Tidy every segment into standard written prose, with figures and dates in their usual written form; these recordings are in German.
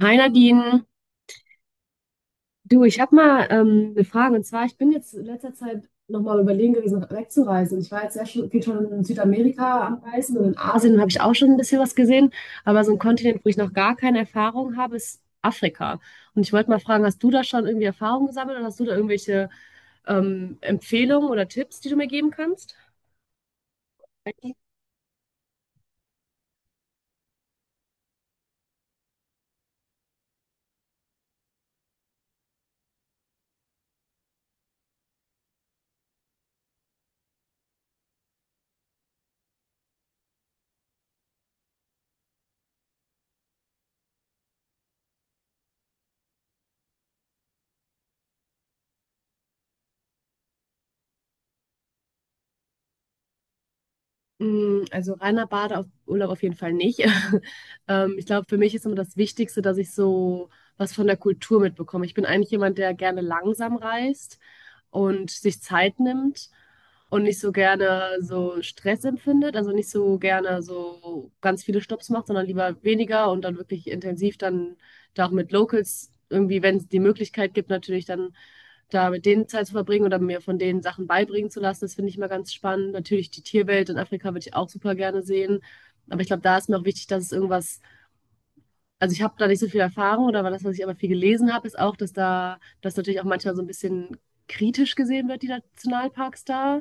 Hi Nadine, du, ich habe mal eine Frage und zwar, ich bin jetzt in letzter Zeit nochmal überlegen gewesen, wegzureisen. Ich war jetzt sehr schon, viel schon in Südamerika am Reisen und in Asien habe ich auch schon ein bisschen was gesehen, aber so ein Kontinent, wo ich noch gar keine Erfahrung habe, ist Afrika. Und ich wollte mal fragen, hast du da schon irgendwie Erfahrung gesammelt oder hast du da irgendwelche Empfehlungen oder Tipps, die du mir geben kannst? Also reiner Badeurlaub auf jeden Fall nicht. Ich glaube, für mich ist immer das Wichtigste, dass ich so was von der Kultur mitbekomme. Ich bin eigentlich jemand, der gerne langsam reist und sich Zeit nimmt und nicht so gerne so Stress empfindet, also nicht so gerne so ganz viele Stops macht, sondern lieber weniger und dann wirklich intensiv dann da auch mit Locals irgendwie, wenn es die Möglichkeit gibt, natürlich dann da mit denen Zeit zu verbringen oder mir von denen Sachen beibringen zu lassen. Das finde ich immer ganz spannend. Natürlich die Tierwelt in Afrika würde ich auch super gerne sehen. Aber ich glaube, da ist mir auch wichtig, dass es irgendwas, also ich habe da nicht so viel Erfahrung oder war das, was ich aber viel gelesen habe, ist auch, dass da, das natürlich auch manchmal so ein bisschen kritisch gesehen wird, die Nationalparks da.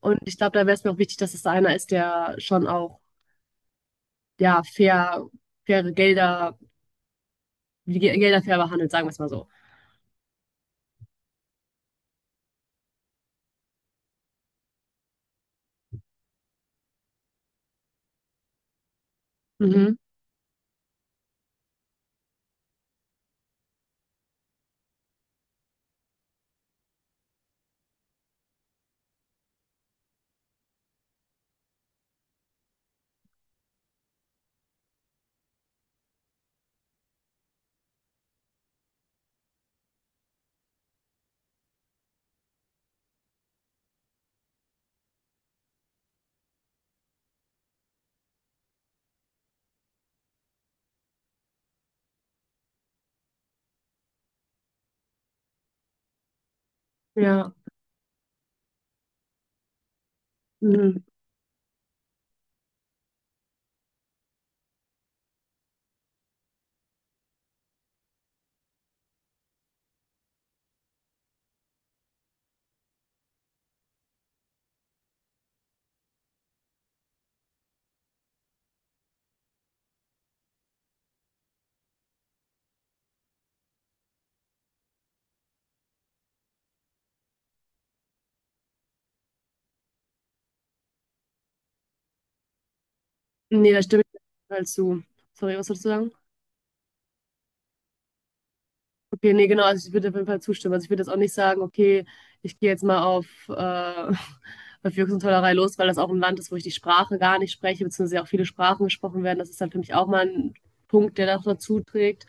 Und ich glaube, da wäre es mir auch wichtig, dass es da einer ist, der schon auch, ja, fair, faire Gelder, Gelder fair behandelt, sagen wir es mal so. Mhm. Ja. Mhm. Nee, da stimme ich total zu. Sorry, was wolltest du sagen? Okay, nee, genau, also ich würde auf jeden Fall zustimmen. Also ich würde jetzt auch nicht sagen, okay, ich gehe jetzt mal auf, auf Jux und Tollerei los, weil das auch ein Land ist, wo ich die Sprache gar nicht spreche, beziehungsweise auch viele Sprachen gesprochen werden. Das ist dann für mich auch mal ein Punkt, der noch dazu trägt.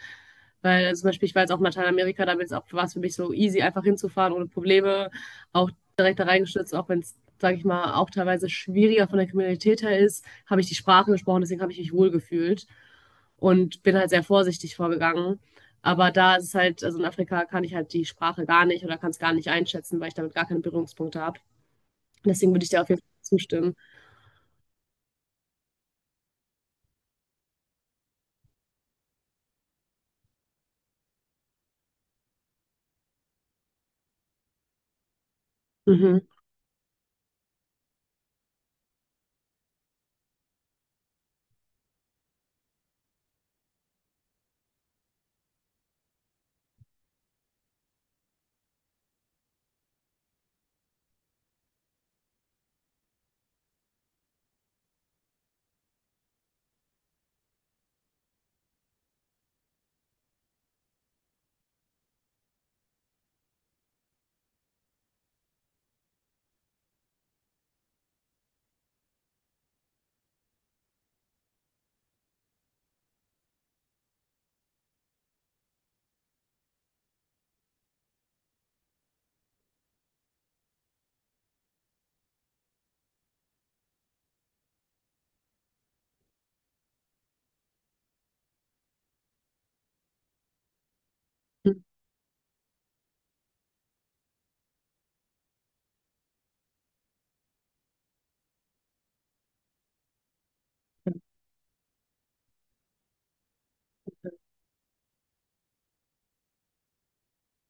Weil zum Beispiel, ich war jetzt auch in Lateinamerika, damit ist auch, war es für mich so easy, einfach hinzufahren, ohne Probleme, auch direkt da reingestürzt, auch wenn es, sage ich mal, auch teilweise schwieriger von der Kriminalität her ist, habe ich die Sprache gesprochen, deswegen habe ich mich wohl gefühlt und bin halt sehr vorsichtig vorgegangen. Aber da ist es halt, also in Afrika kann ich halt die Sprache gar nicht oder kann es gar nicht einschätzen, weil ich damit gar keine Berührungspunkte habe. Deswegen würde ich dir auf jeden Fall zustimmen. Mhm.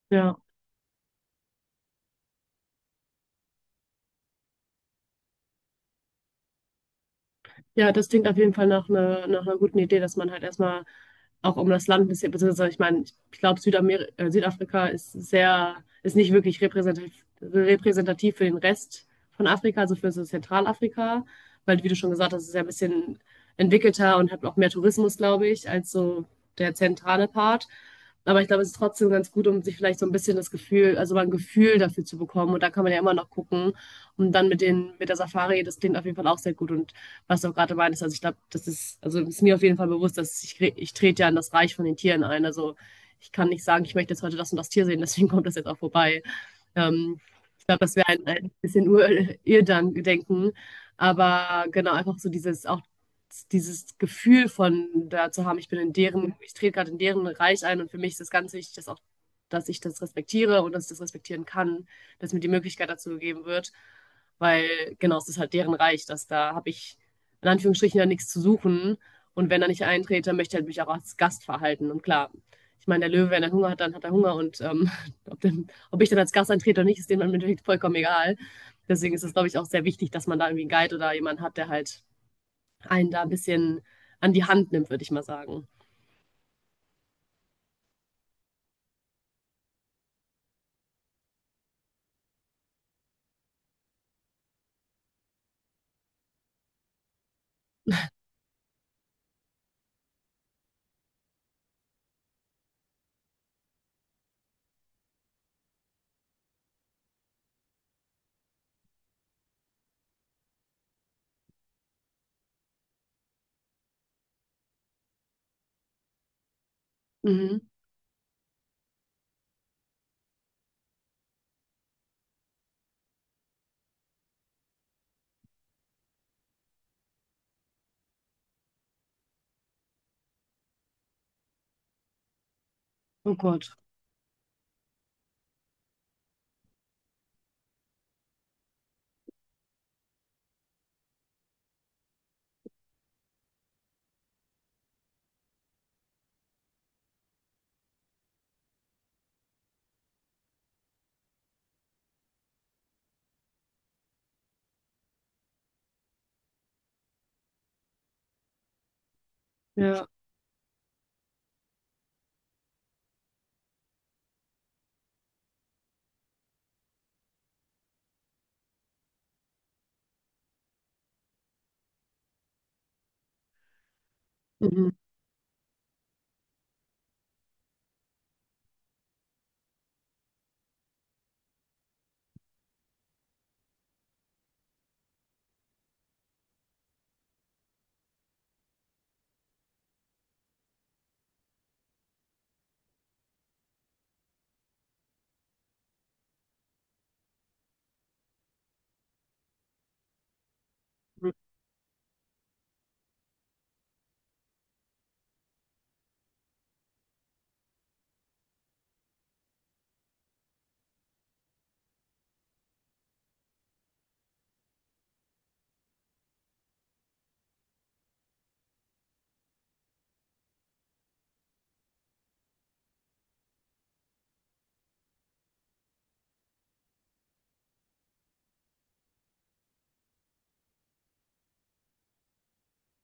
Ja. Ja, das klingt auf jeden Fall nach einer guten Idee, dass man halt erstmal auch um das Land ein bisschen, beziehungsweise ich meine, ich glaube, Südamer Südafrika ist sehr, ist nicht wirklich repräsentativ, repräsentativ für den Rest von Afrika, also für so Zentralafrika, weil, wie du schon gesagt hast, es ist ja ein bisschen entwickelter und hat auch mehr Tourismus, glaube ich, als so der zentrale Part. Aber ich glaube, es ist trotzdem ganz gut, um sich vielleicht so ein bisschen das Gefühl, also mal ein Gefühl dafür zu bekommen. Und da kann man ja immer noch gucken. Und dann mit den, mit der Safari, das klingt auf jeden Fall auch sehr gut. Und was du auch gerade meinst, also ich glaube, das ist, also ist mir auf jeden Fall bewusst, dass ich trete ja in das Reich von den Tieren ein. Also ich kann nicht sagen, ich möchte jetzt heute das und das Tier sehen, deswegen kommt das jetzt auch vorbei. Ähm, ich glaube, das wäre ein bisschen Ur Irrdenken. Aber genau, einfach so dieses, auch dieses Gefühl von da zu haben, ich bin in deren, ich trete gerade in deren Reich ein und für mich ist es ganz wichtig, dass auch, dass ich das respektiere und dass ich das respektieren kann, dass mir die Möglichkeit dazu gegeben wird. Weil genau, es ist halt deren Reich, dass da habe ich in Anführungsstrichen ja nichts zu suchen. Und wenn er nicht eintrete, möchte er halt mich auch als Gast verhalten. Und klar, ich meine, der Löwe, wenn er Hunger hat, dann hat er Hunger. Und ob der ob ich dann als Gast antrete oder nicht, ist dem dann im Endeffekt vollkommen egal. Deswegen ist es, glaube ich, auch sehr wichtig, dass man da irgendwie einen Guide oder jemanden hat, der halt einen da ein bisschen an die Hand nimmt, würde ich mal sagen. Mhm. Oh Gott. Ja. Mhm.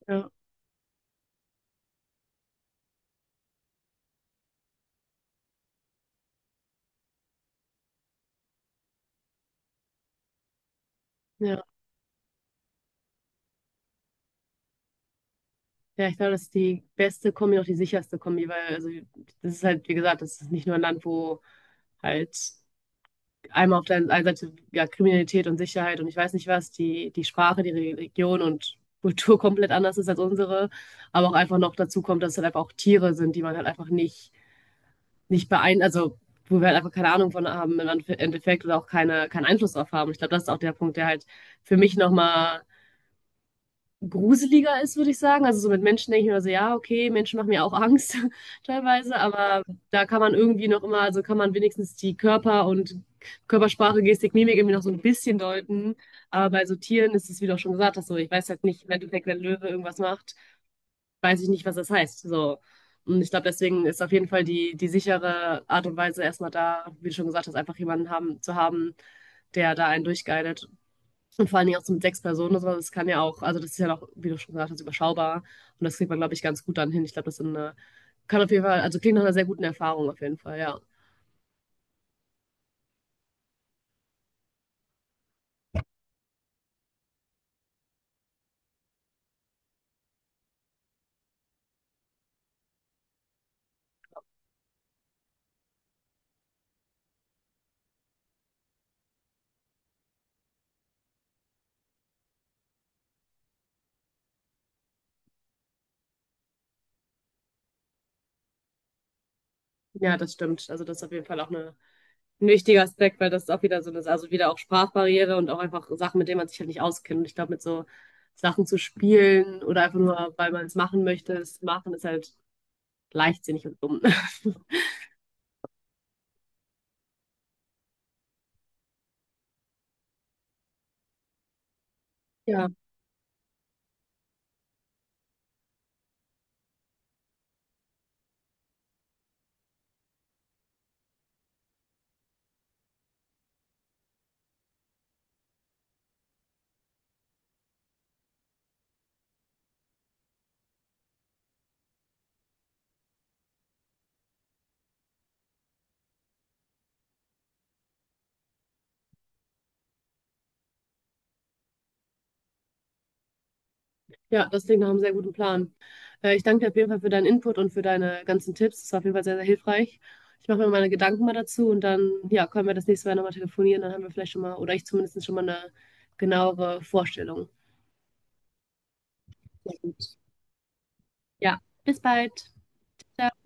Ja. Ja. Ja, ich glaube, das ist die beste Kombi, auch die sicherste Kombi, weil also das ist halt, wie gesagt, das ist nicht nur ein Land, wo halt einmal auf der einen Seite ja, Kriminalität und Sicherheit und ich weiß nicht was, die, die Sprache, die Religion und Kultur komplett anders ist als unsere, aber auch einfach noch dazu kommt, dass es halt einfach auch Tiere sind, die man halt einfach nicht, nicht beein, also wo wir halt einfach keine Ahnung von haben im Endeffekt oder auch keine, keinen Einfluss drauf haben. Ich glaube, das ist auch der Punkt, der halt für mich nochmal gruseliger ist, würde ich sagen. Also so mit Menschen denke ich mir so, ja, okay, Menschen machen mir auch Angst teilweise, aber da kann man irgendwie noch immer, also kann man wenigstens die Körper und Körpersprache, Gestik, Mimik irgendwie noch so ein bisschen deuten. Aber bei so Tieren ist es, wie du auch schon gesagt hast, so ich weiß halt nicht, im Endeffekt, wenn Löwe irgendwas macht, weiß ich nicht, was das heißt. So. Und ich glaube, deswegen ist auf jeden Fall die, die sichere Art und Weise erstmal da, wie du schon gesagt hast, einfach jemanden haben, zu haben, der da einen durchguidet und vor allen Dingen auch so mit sechs Personen oder sowas, das kann ja auch, also das ist ja noch, wie du schon gesagt hast, überschaubar. Und das kriegt man, glaube ich, ganz gut dann hin. Ich glaube, das ist eine, kann auf jeden Fall, also klingt nach einer sehr guten Erfahrung auf jeden Fall, ja. Ja, das stimmt. Also das ist auf jeden Fall auch eine, ein wichtiger Aspekt, weil das ist auch wieder so eine, also wieder auch Sprachbarriere und auch einfach Sachen, mit denen man sich halt nicht auskennt. Und ich glaube, mit so Sachen zu spielen oder einfach nur, weil man es machen möchte, es machen, ist halt leichtsinnig und dumm. Ja. Ja, das klingt nach einem sehr guten Plan. Ich danke dir auf jeden Fall für deinen Input und für deine ganzen Tipps. Das war auf jeden Fall sehr, sehr hilfreich. Ich mache mir meine Gedanken mal dazu und dann, ja, können wir das nächste Mal nochmal telefonieren. Dann haben wir vielleicht schon mal, oder ich zumindest schon mal eine genauere Vorstellung. Sehr gut. Ja, bis bald. Ciao.